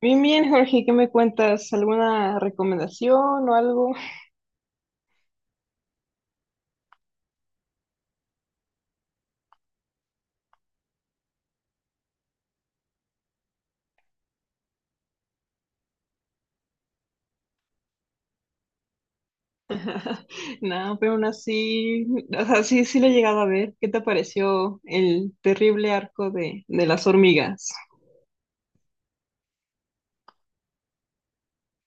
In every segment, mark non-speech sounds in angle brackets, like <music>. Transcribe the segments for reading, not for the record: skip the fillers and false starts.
Bien, bien, Jorge, ¿qué me cuentas? ¿Alguna recomendación o algo? <laughs> No, pero aún así, o sea, sí, sí lo he llegado a ver. ¿Qué te pareció el terrible arco de las hormigas?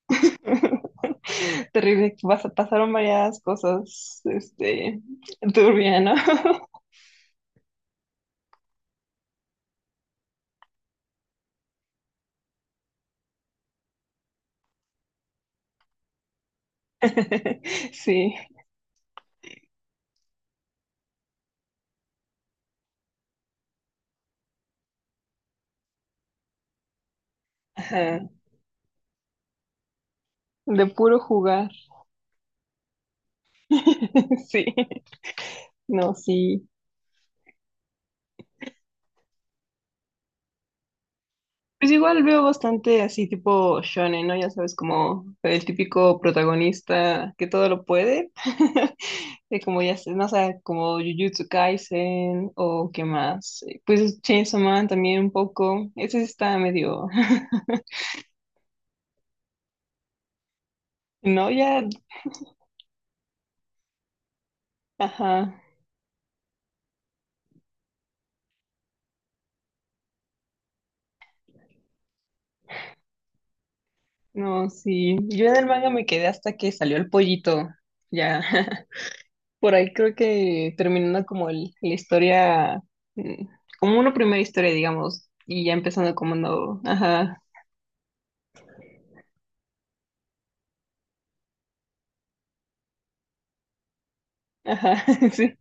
<laughs> Terrible, pasaron varias cosas, este, turbia, ¿no? <laughs> Sí, ajá, de puro jugar. <laughs> Sí, no, sí. Pues igual veo bastante así tipo shonen, ¿no? Ya sabes, como el típico protagonista que todo lo puede. <laughs> Como ya sé, no sé sea, como Jujutsu Kaisen o qué más. Pues Chainsaw Man también un poco. Ese sí está medio... <laughs> No, ya... Ajá. No, sí. Yo en el manga me quedé hasta que salió el pollito. Ya. <laughs> Por ahí creo que terminando como la historia, mm, como una primera historia, digamos, y ya empezando como no, ajá, ajá, <laughs> sí,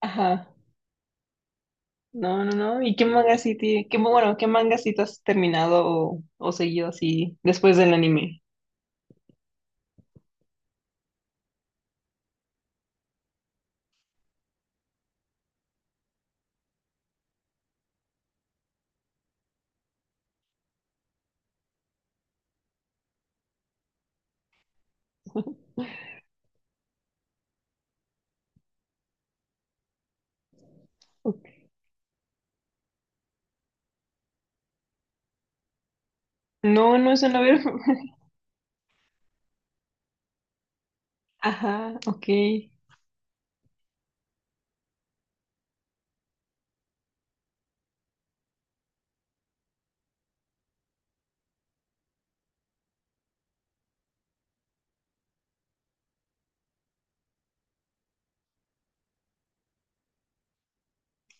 ajá, no, no, no. ¿Y qué manga sí, qué manga sí te has terminado o seguido así después del anime? Ok. No, no es una ver, <laughs> ajá, ok,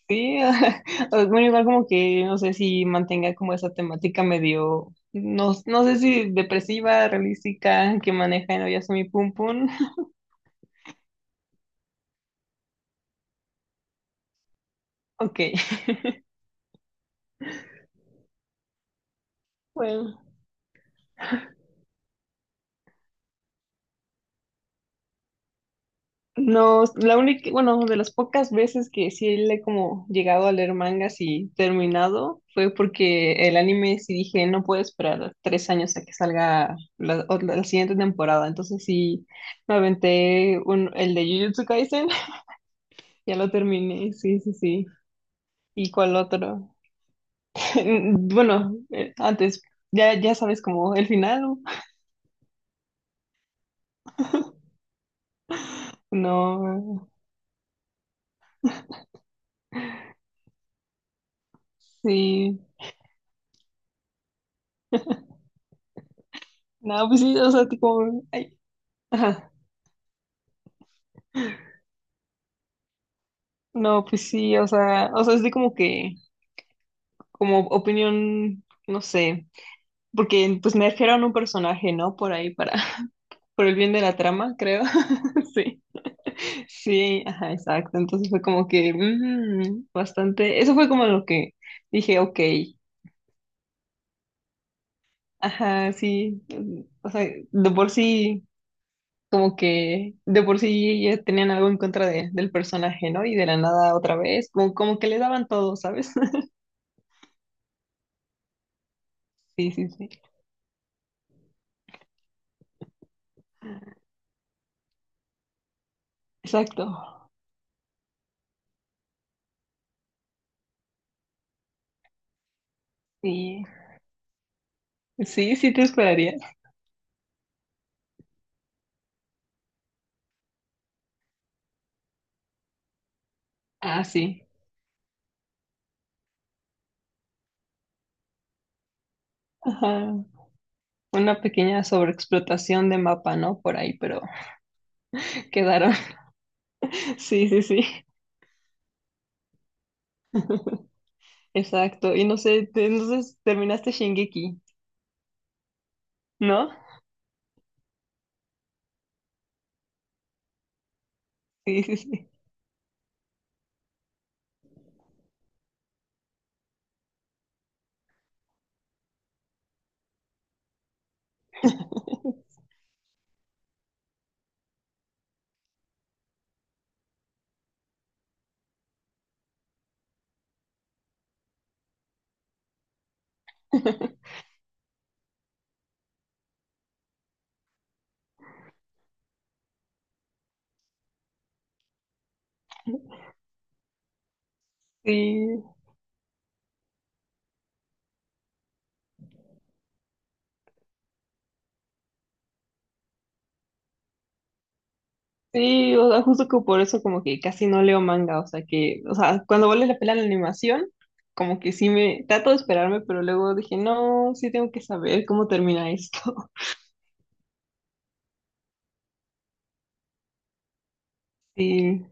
sí, <laughs> ajá. Bueno, igual como que, no sé si mantenga como esa temática medio... No, no sé si depresiva, realística, que maneja en Oyasumi Pum Pum. Ok, <laughs> bueno, no, la única, bueno, de las pocas veces que sí le he como llegado a leer mangas y terminado fue porque el anime sí dije, no puedo esperar 3 años a que salga la, o la siguiente temporada, entonces sí me aventé un, el de Jujutsu Kaisen. <laughs> Ya lo terminé, sí, sí, sí. ¿Y cuál otro? <laughs> Bueno, antes, ya sabes como el final, ¿no? No, sí, no, pues sí, o sea, tipo, ay, ajá. No, pues sí, o sea, es de como que, como opinión, no sé, porque pues me a un personaje, ¿no? Por ahí, para, <laughs> por el bien de la trama, creo. <laughs> Sí, sí, ajá, exacto. Entonces fue como que, bastante, eso fue como lo que dije, ok, ajá, sí, o sea, de por sí, como que, de por sí ya tenían algo en contra de- del personaje, ¿no? Y de la nada otra vez, como que le daban todo, ¿sabes? <laughs> Sí, sí, sí, exacto. Sí. Sí, sí te esperaría. Ah, sí. Ajá. Una pequeña sobreexplotación de mapa, ¿no? Por ahí, pero <laughs> quedaron. <laughs> Sí, sí, sí. Exacto. Y no sé, entonces terminaste Shingeki, ¿no? Sí, sí, sí. <laughs> Sí, sí, o sea, justo que por eso como que casi no leo manga, o sea que, o sea, cuando vale la pena la animación, como que sí me trato de esperarme, pero luego dije, no, sí tengo que saber cómo termina esto. <laughs> Sí,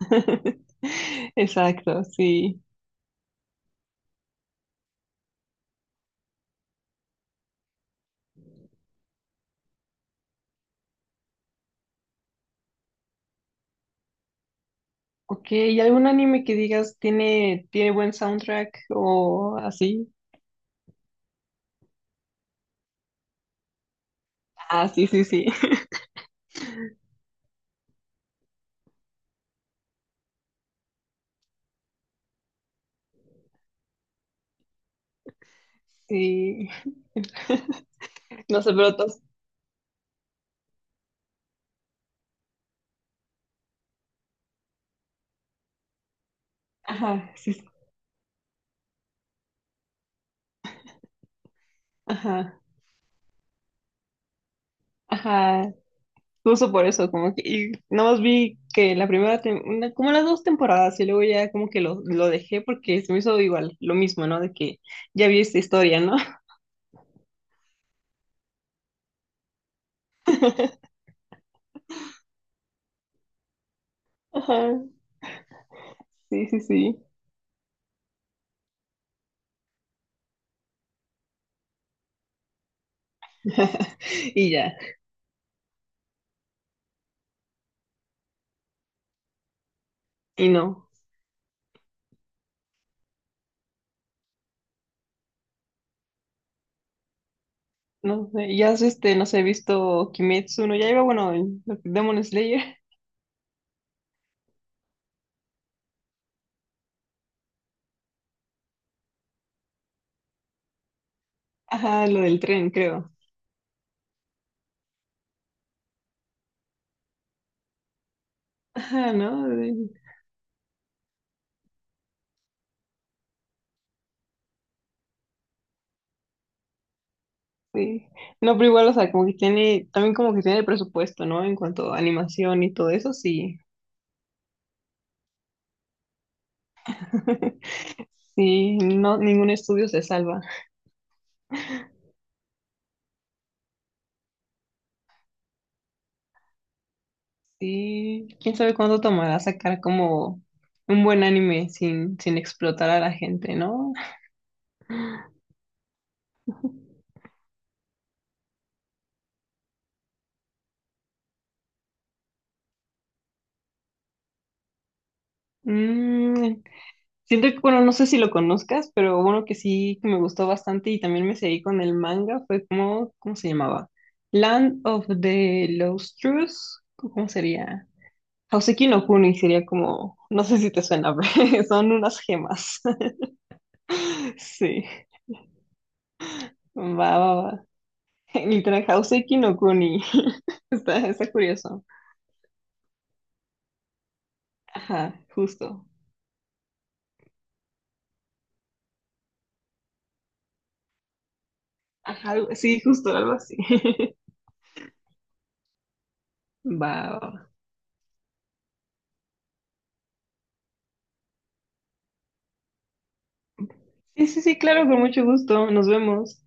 <laughs> exacto, sí. Ok, ¿y algún anime que digas tiene, tiene buen soundtrack o así? Ah, sí, sí, sí. <laughs> Sí. <laughs> No sé, pero todos. Ajá, sí, sí. Ajá, ajá. Justo por eso, como que. Y nada más vi que la primera. Como las dos temporadas, y luego ya como que lo dejé porque se me hizo igual, lo mismo, ¿no? De que ya vi esta historia, ¿no? <laughs> Ajá, sí, sí, sí. <laughs> Y ya. Y no. No sé, ya has este, no sé, visto Kimetsu no Yaiba, bueno, el- lo que- Demon Slayer. <laughs> Ajá, lo del tren, creo. Ajá, ¿no? De- Sí. No, pero igual, o sea, como que tiene, también como que tiene presupuesto, ¿no? En cuanto a animación y todo eso, sí. <laughs> Sí, no, ningún estudio se salva. Sí, quién sabe cuánto tomará sacar como un buen anime sin, sin explotar a la gente, ¿no? Mm, Siento que, bueno, no sé si lo conozcas, pero uno que sí que me gustó bastante y también me seguí con el manga fue como, ¿cómo se llamaba? Land of the Lostrous, ¿cómo sería? Houseki no Kuni sería como, no sé si te suena, <laughs> pero son unas gemas. <laughs> Sí, va, va, va. <laughs> Literal, Houseki no Kuni. <laughs> Está, está curioso. Ajá, justo. Ajá, algo- sí, justo, algo así. <laughs> Va, va. Va. Sí, sí, sí, claro, con mucho gusto. Nos vemos.